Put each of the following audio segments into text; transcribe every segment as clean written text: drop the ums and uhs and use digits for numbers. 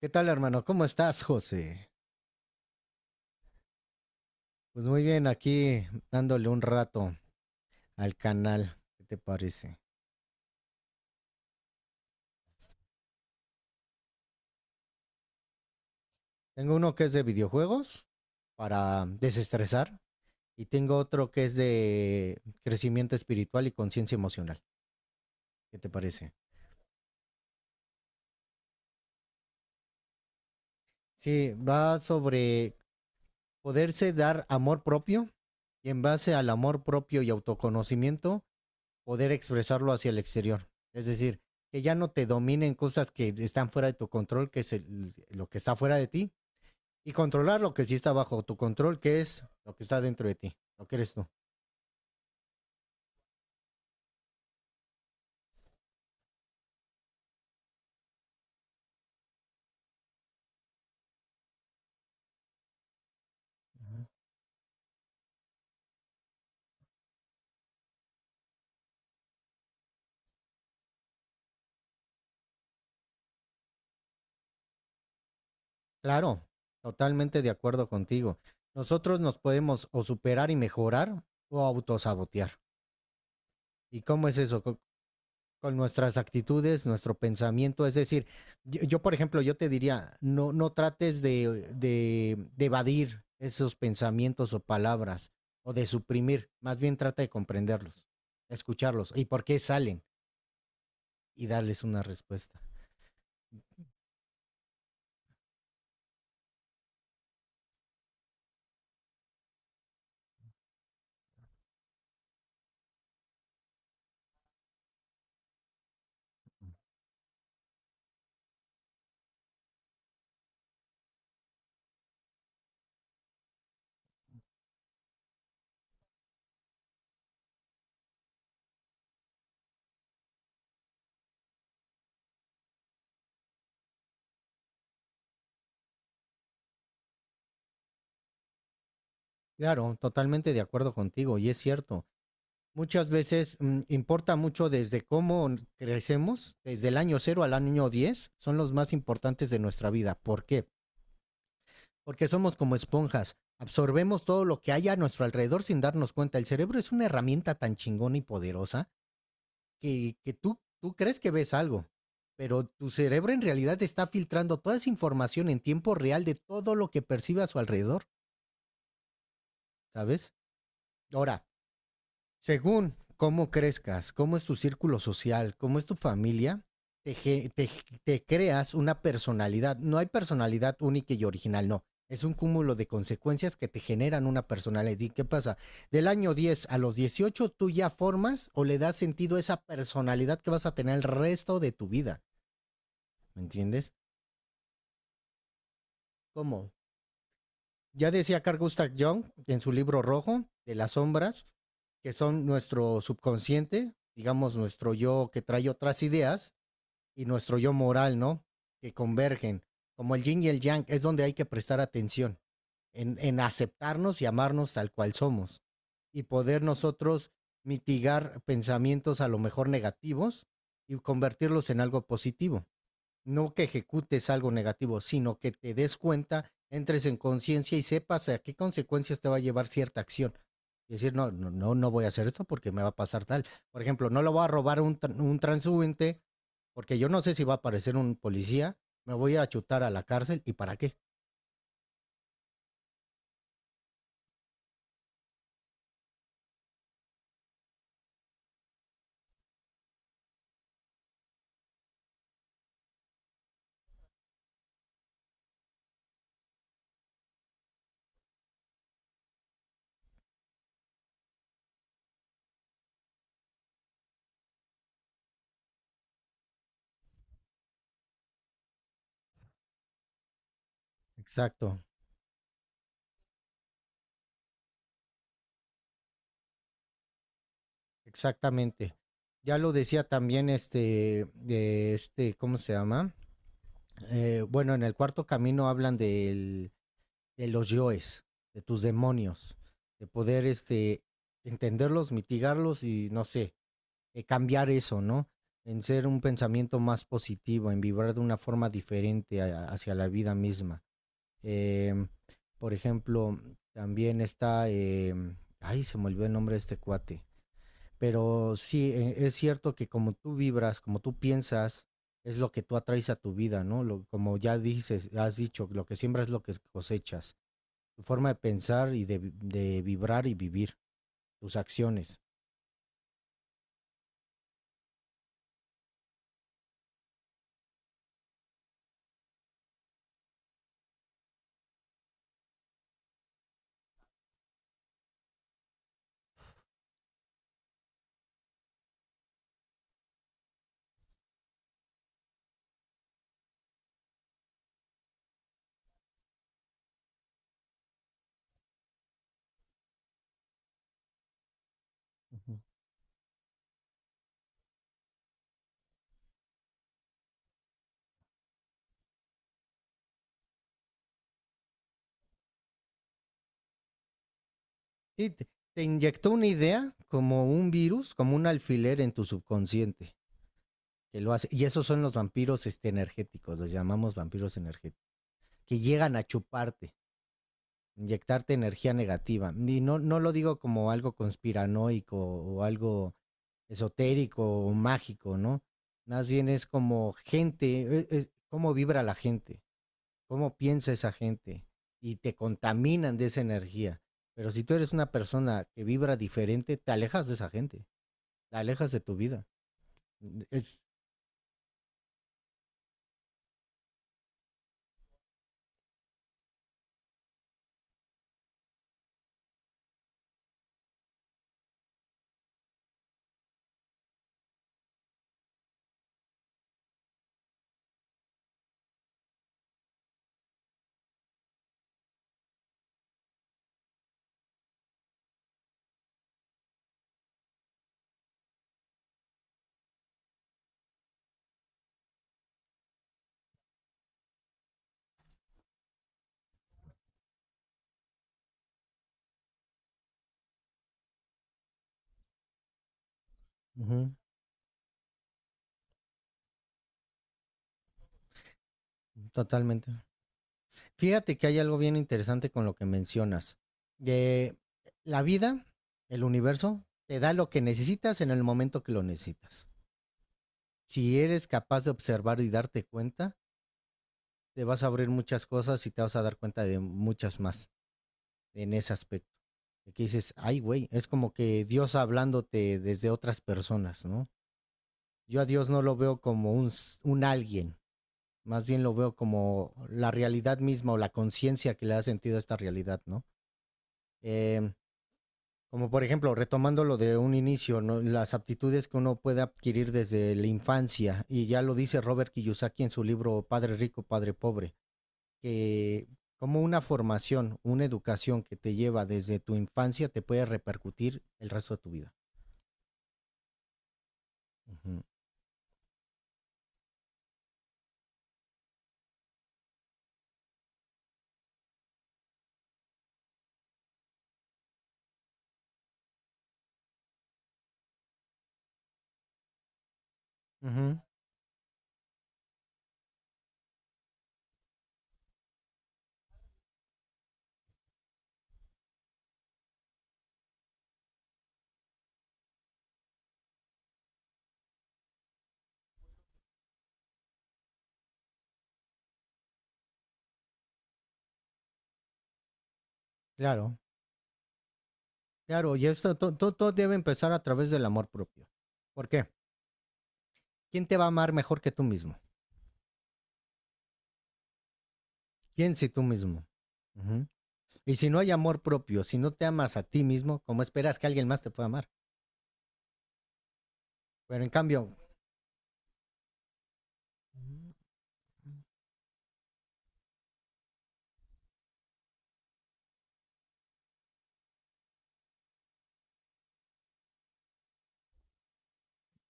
¿Qué tal, hermano? ¿Cómo estás, José? Pues muy bien, aquí dándole un rato al canal. ¿Qué te parece? Tengo uno que es de videojuegos para desestresar y tengo otro que es de crecimiento espiritual y conciencia emocional. ¿Qué te parece? Sí, va sobre poderse dar amor propio y en base al amor propio y autoconocimiento, poder expresarlo hacia el exterior. Es decir, que ya no te dominen cosas que están fuera de tu control, que es lo que está fuera de ti, y controlar lo que sí está bajo tu control, que es lo que está dentro de ti, lo que eres tú. Claro, totalmente de acuerdo contigo. Nosotros nos podemos o superar y mejorar o autosabotear. ¿Y cómo es eso? Con nuestras actitudes, nuestro pensamiento. Es decir, yo, por ejemplo, yo te diría, no, no trates de evadir esos pensamientos o palabras o de suprimir, más bien trata de comprenderlos, escucharlos y por qué salen y darles una respuesta. Claro, totalmente de acuerdo contigo y es cierto. Muchas veces importa mucho desde cómo crecemos, desde el año 0 al año 10, son los más importantes de nuestra vida. ¿Por qué? Porque somos como esponjas, absorbemos todo lo que hay a nuestro alrededor sin darnos cuenta. El cerebro es una herramienta tan chingona y poderosa que tú crees que ves algo, pero tu cerebro en realidad está filtrando toda esa información en tiempo real de todo lo que percibe a su alrededor, ¿sabes? Ahora, según cómo crezcas, cómo es tu círculo social, cómo es tu familia, te creas una personalidad. No hay personalidad única y original, no. Es un cúmulo de consecuencias que te generan una personalidad. ¿Y qué pasa? Del año 10 a los 18, tú ya formas o le das sentido a esa personalidad que vas a tener el resto de tu vida. ¿Me entiendes? ¿Cómo? Ya decía Carl Gustav Jung en su libro rojo de las sombras, que son nuestro subconsciente, digamos nuestro yo que trae otras ideas y nuestro yo moral, ¿no? Que convergen. Como el yin y el yang, es donde hay que prestar atención, en aceptarnos y amarnos tal cual somos y poder nosotros mitigar pensamientos a lo mejor negativos y convertirlos en algo positivo. No que ejecutes algo negativo, sino que te des cuenta, entres en conciencia y sepas a qué consecuencias te va a llevar cierta acción. Y decir, no, no, no, no voy a hacer esto porque me va a pasar tal. Por ejemplo, no lo voy a robar un transeúnte porque yo no sé si va a aparecer un policía, me voy a chutar a la cárcel y para qué. Exacto, exactamente. Ya lo decía también este, de este, ¿cómo se llama? Bueno, en el cuarto camino hablan del de los yoes, de tus demonios, de poder entenderlos, mitigarlos y no sé, cambiar eso, ¿no? En ser un pensamiento más positivo, en vibrar de una forma diferente hacia la vida misma. Eh, por ejemplo, también está, ay, se me olvidó el nombre de este cuate, pero sí, es cierto que como tú vibras, como tú piensas, es lo que tú atraes a tu vida, ¿no? Lo, como ya dices, has dicho, lo que siembras es lo que cosechas, tu forma de pensar y de vibrar y vivir, tus acciones. Uh-huh. Y te inyectó una idea como un virus, como un alfiler en tu subconsciente, que lo hace. Y esos son los vampiros energéticos, los llamamos vampiros energéticos, que llegan a chuparte, inyectarte energía negativa. Y no, no lo digo como algo conspiranoico o algo esotérico o mágico, ¿no? Más bien es como gente, cómo vibra la gente. Cómo piensa esa gente y te contaminan de esa energía. Pero si tú eres una persona que vibra diferente, te alejas de esa gente, te alejas de tu vida. Mm. Es Ujú, totalmente. Fíjate que hay algo bien interesante con lo que mencionas. De la vida, el universo, te da lo que necesitas en el momento que lo necesitas. Si eres capaz de observar y darte cuenta, te vas a abrir muchas cosas y te vas a dar cuenta de muchas más, en ese aspecto. Que dices, ay, güey, es como que Dios hablándote desde otras personas, ¿no? Yo a Dios no lo veo como un alguien, más bien lo veo como la realidad misma o la conciencia que le da sentido a esta realidad, ¿no? Eh, como por ejemplo, retomando lo de un inicio, ¿no? Las aptitudes que uno puede adquirir desde la infancia, y ya lo dice Robert Kiyosaki en su libro Padre Rico, Padre Pobre. Que como una formación, una educación que te lleva desde tu infancia te puede repercutir el resto de tu vida. Ujú. Ujú, claro, claro, y esto todo debe empezar a través del amor propio. ¿Por qué? ¿Quién te va a amar mejor que tú mismo? ¿Quién si tú mismo? Ujú. Y si no hay amor propio, si no te amas a ti mismo, ¿cómo esperas que alguien más te pueda amar? Pero en cambio,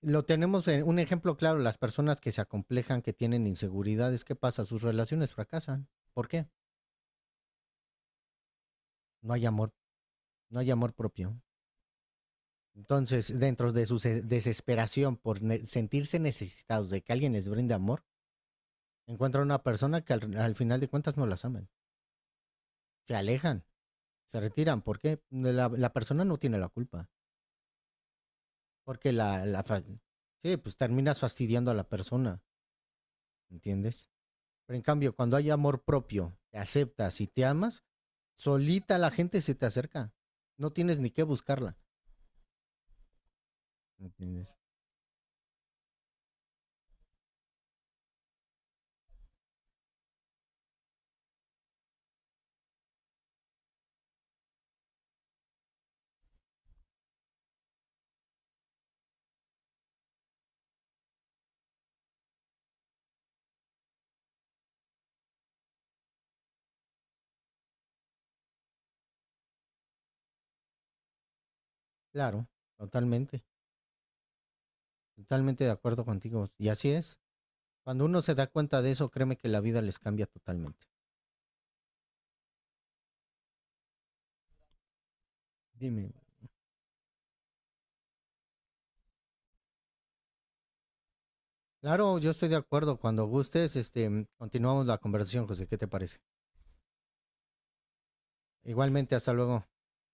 lo tenemos en un ejemplo claro, las personas que se acomplejan, que tienen inseguridades, ¿qué pasa? Sus relaciones fracasan. ¿Por qué? No hay amor, no hay amor propio. Entonces, dentro de su desesperación por sentirse necesitados de que alguien les brinde amor, encuentran una persona que al final de cuentas no las aman. Se alejan, se retiran. ¿Por qué? La persona no tiene la culpa. Porque la fa- Sí, pues terminas fastidiando a la persona, ¿entiendes? Pero en cambio, cuando hay amor propio, te aceptas y te amas, solita la gente se te acerca. No tienes ni que buscarla, ¿entiendes? Claro, totalmente. Totalmente de acuerdo contigo. Y así es. Cuando uno se da cuenta de eso, créeme que la vida les cambia totalmente. Dime. Claro, yo estoy de acuerdo. Cuando gustes, este, continuamos la conversación, José. ¿Qué te parece? Igualmente, hasta luego.